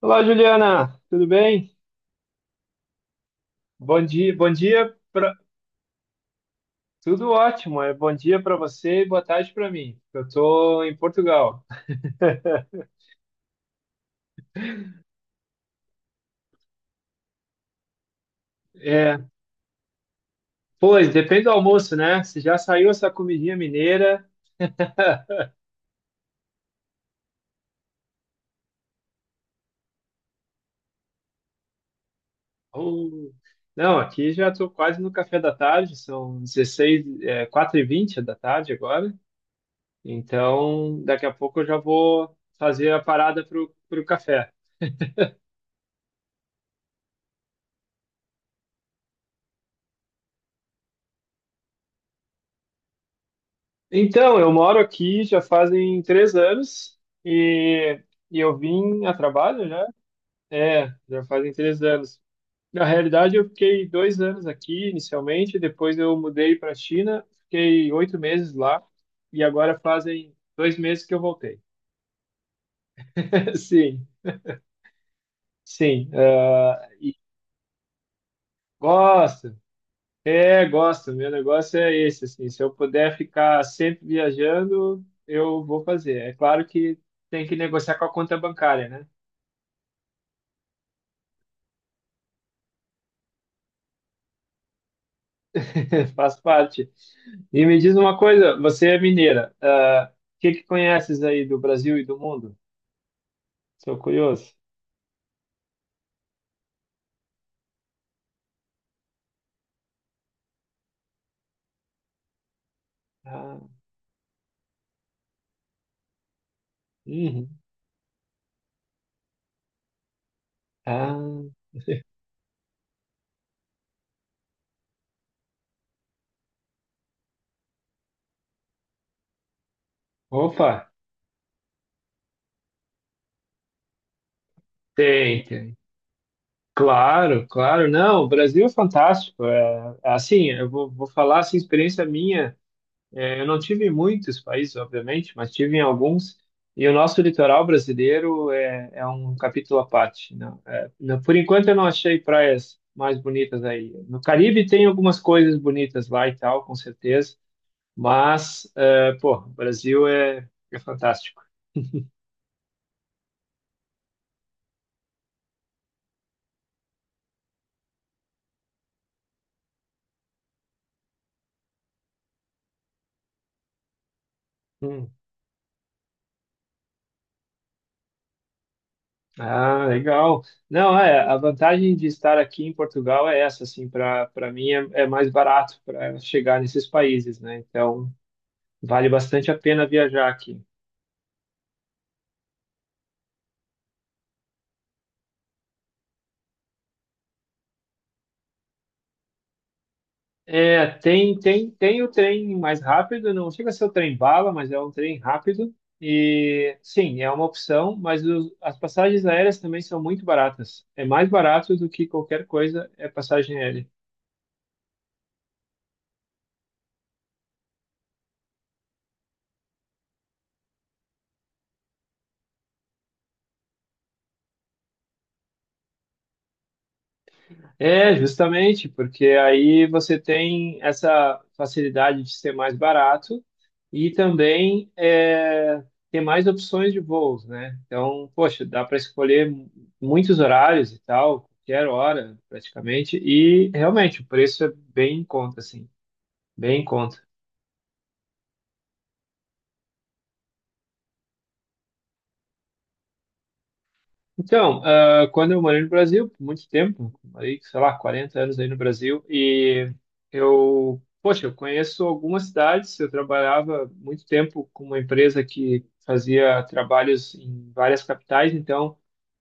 Olá, Juliana, tudo bem? Bom dia, bom dia. Tudo ótimo, é bom dia para você e boa tarde para mim. Eu tô em Portugal. É, pois, depende do almoço, né? Se já saiu essa comidinha mineira. Uh, não, aqui já estou quase no café da tarde, são 16, 4h20 da tarde agora. Então, daqui a pouco eu já vou fazer a parada para o café. Então, eu moro aqui já fazem 3 anos e, e eu vim a trabalho já. É, já fazem 3 anos. Na realidade, eu fiquei 2 anos aqui inicialmente, depois eu mudei para a China, fiquei 8 meses lá e agora fazem 2 meses que eu voltei. Sim, sim. E gosto, gosto. Meu negócio é esse, assim, se eu puder ficar sempre viajando, eu vou fazer. É claro que tem que negociar com a conta bancária, né? Faz parte. E me diz uma coisa, você é mineira. O que que conheces aí do Brasil e do mundo? Sou curioso. Ah, uhum. Ah, opa, tem, tem. Claro, claro. Não, o Brasil é fantástico. É assim, eu vou falar assim, experiência minha. É, eu não tive em muitos países, obviamente, mas tive em alguns. E o nosso litoral brasileiro é um capítulo à parte. Não, por enquanto, eu não achei praias mais bonitas aí. No Caribe tem algumas coisas bonitas lá e tal, com certeza. Mas, pô, o Brasil é fantástico. Hum. Ah, legal. Não, a vantagem de estar aqui em Portugal é essa, assim, para mim é mais barato para chegar nesses países, né? Então, vale bastante a pena viajar aqui. É, tem o trem mais rápido, não chega a ser o trem bala, mas é um trem rápido. E sim, é uma opção, mas as passagens aéreas também são muito baratas. É mais barato do que qualquer coisa é passagem aérea. É, justamente, porque aí você tem essa facilidade de ser mais barato e também ter mais opções de voos, né? Então, poxa, dá para escolher muitos horários e tal, qualquer hora praticamente, e realmente o preço é bem em conta, assim, bem em conta. Então, quando eu morei no Brasil, por muito tempo, morei, sei lá, 40 anos aí no Brasil, e eu, poxa, eu conheço algumas cidades, eu trabalhava muito tempo com uma empresa que fazia trabalhos em várias capitais, então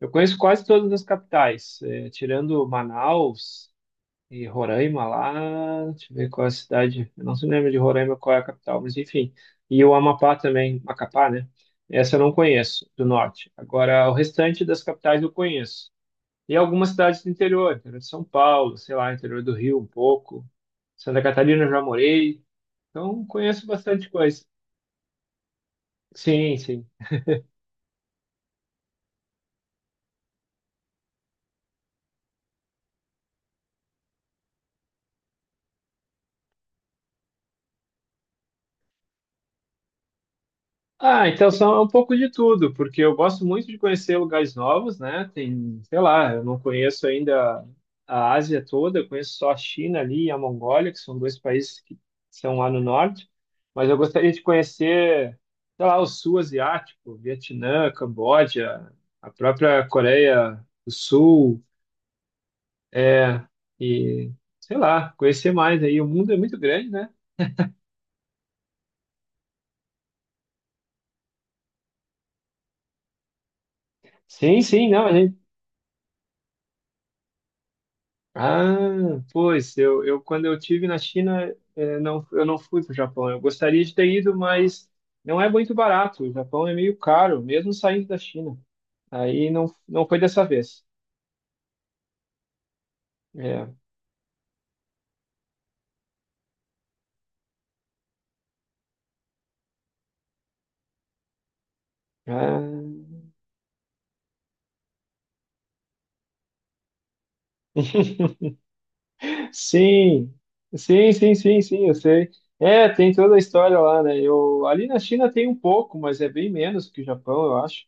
eu conheço quase todas as capitais, tirando Manaus, e Roraima lá, deixa eu ver qual é a cidade. Eu não se lembro de Roraima qual é a capital, mas enfim. E o Amapá também, Macapá, né? Essa eu não conheço, do norte. Agora, o restante das capitais eu conheço. E algumas cidades do interior, interior de São Paulo, sei lá, interior do Rio um pouco. Santa Catarina eu já morei. Então, conheço bastante coisa. Sim, sim. Ah, então são é um pouco de tudo, porque eu gosto muito de conhecer lugares novos, né? Tem, sei lá, eu não conheço ainda a Ásia toda, eu conheço só a China ali e a Mongólia, que são dois países que são lá no norte, mas eu gostaria de conhecer, sei lá, o sul asiático, Vietnã, Camboja, a própria Coreia do Sul, é, e sei lá, conhecer mais aí. O mundo é muito grande, né? Sim, sim, não. Ah, pois, eu quando eu tive na China, não, eu não fui para o Japão. Eu gostaria de ter ido, mas não é muito barato. O Japão é meio caro, mesmo saindo da China. Aí não, não foi dessa vez. É. Ah, sim, sim, sim, sim, sim, eu sei. É, tem toda a história lá, né? Ali na China tem um pouco, mas é bem menos que o Japão, eu acho.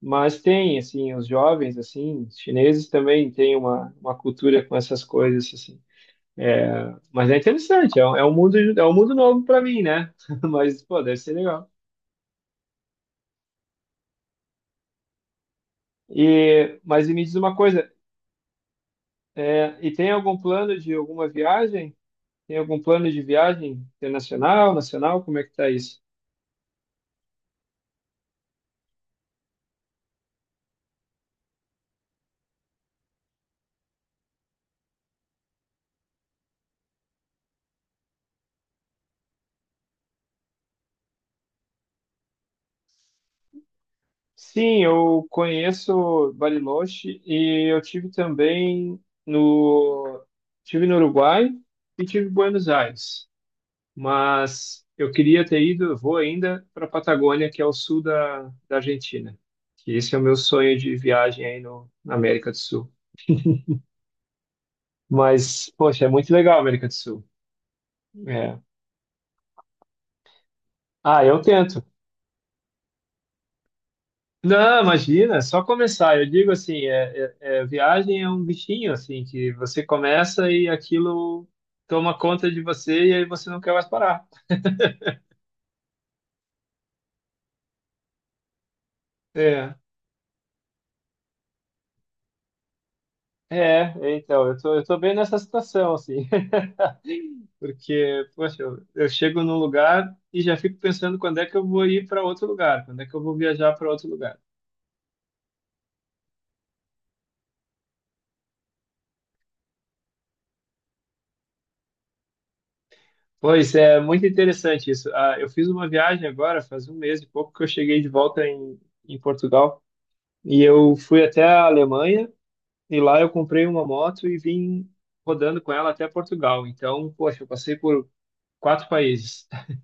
Mas tem, assim, os jovens, assim, chineses também têm uma cultura com essas coisas, assim. É, mas é interessante, é um mundo novo para mim, né? Mas, pô, deve ser legal. Mas me diz uma coisa, e tem algum plano de alguma viagem? Tem algum plano de viagem internacional, nacional? Como é que tá isso? Sim, eu conheço Bariloche e eu tive também tive no Uruguai e tive em Buenos Aires. Mas eu queria ter ido, eu vou ainda para a Patagônia, que é o sul da Argentina. Que esse é o meu sonho de viagem aí no, na América do Sul. Mas, poxa, é muito legal a América do Sul. É. Ah, eu tento. Não, imagina, é só começar. Eu digo assim, viagem é um bichinho, assim, que você começa e aquilo toma conta de você e aí você não quer mais parar. É, é, então, eu tô bem nessa situação, assim. Porque, poxa, eu chego num lugar e já fico pensando quando é que eu vou ir para outro lugar, quando é que eu vou viajar para outro lugar. Pois é, muito interessante isso. Ah, eu fiz uma viagem agora, faz um mês e pouco que eu cheguei de volta em Portugal e eu fui até a Alemanha e lá eu comprei uma moto e vim rodando com ela até Portugal. Então, poxa, eu passei por quatro países.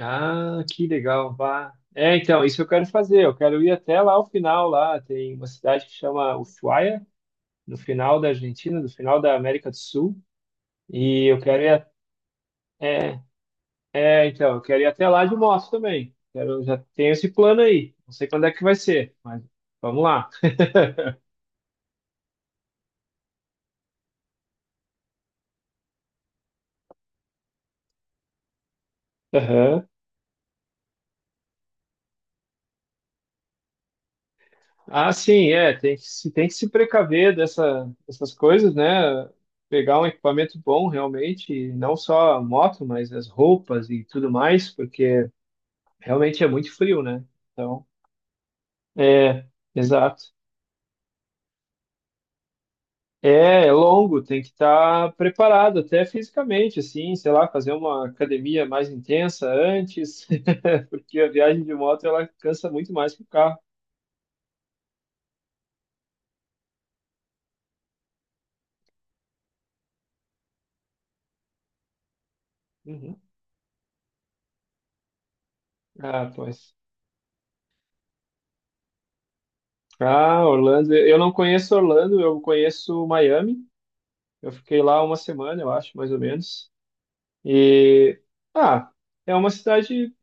Ah, que legal, vá. É, então, isso eu quero fazer. Eu quero ir até lá ao final, lá tem uma cidade que chama Ushuaia, no final da Argentina, no final da América do Sul. E eu quero ir, então, eu quero ir até lá de moto também. Quero, já tenho esse plano aí. Não sei quando é que vai ser, mas vamos lá. Aham. Ah, sim, tem que se precaver dessas coisas, né? Pegar um equipamento bom realmente, e não só a moto, mas as roupas e tudo mais, porque realmente é muito frio, né? Então, é, exato. É longo, tem que estar preparado até fisicamente, assim, sei lá, fazer uma academia mais intensa antes, porque a viagem de moto ela cansa muito mais que o carro. Uhum. Ah, pois. Ah, Orlando, eu não conheço Orlando, eu conheço Miami. Eu fiquei lá uma semana, eu acho, mais ou menos. E ah, é uma cidade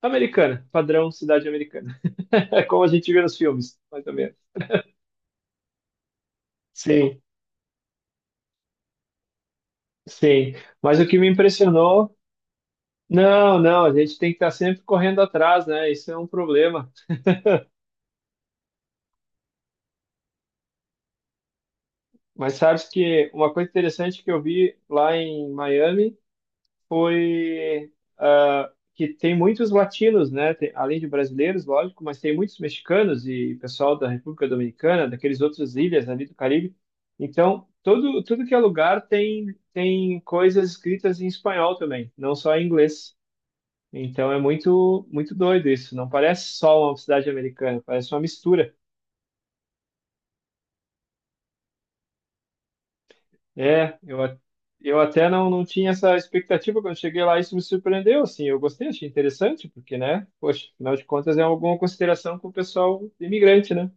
americana, padrão cidade americana, é como a gente vê nos filmes, mais ou menos. Sim, sim. Mas o que me impressionou. Não, não, a gente tem que estar sempre correndo atrás, né? Isso é um problema. Mas sabes que uma coisa interessante que eu vi lá em Miami foi que tem muitos latinos, né? Além de brasileiros, lógico, mas tem muitos mexicanos e pessoal da República Dominicana, daqueles outras ilhas ali do Caribe. Então, tudo que é lugar tem coisas escritas em espanhol também, não só em inglês. Então é muito, muito doido isso. Não parece só uma cidade americana, parece uma mistura. É, eu até não, não tinha essa expectativa quando cheguei lá, isso me surpreendeu, assim, eu gostei, achei interessante, porque, né, poxa, afinal de contas é alguma consideração com o pessoal imigrante, né?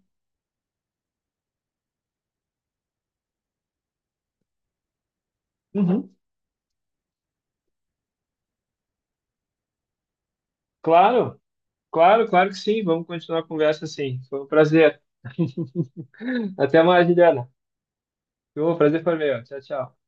Uhum. Claro, claro, claro que sim, vamos continuar a conversa assim, foi um prazer. Até mais, Juliana. Foi um prazer foi meu, tchau, tchau.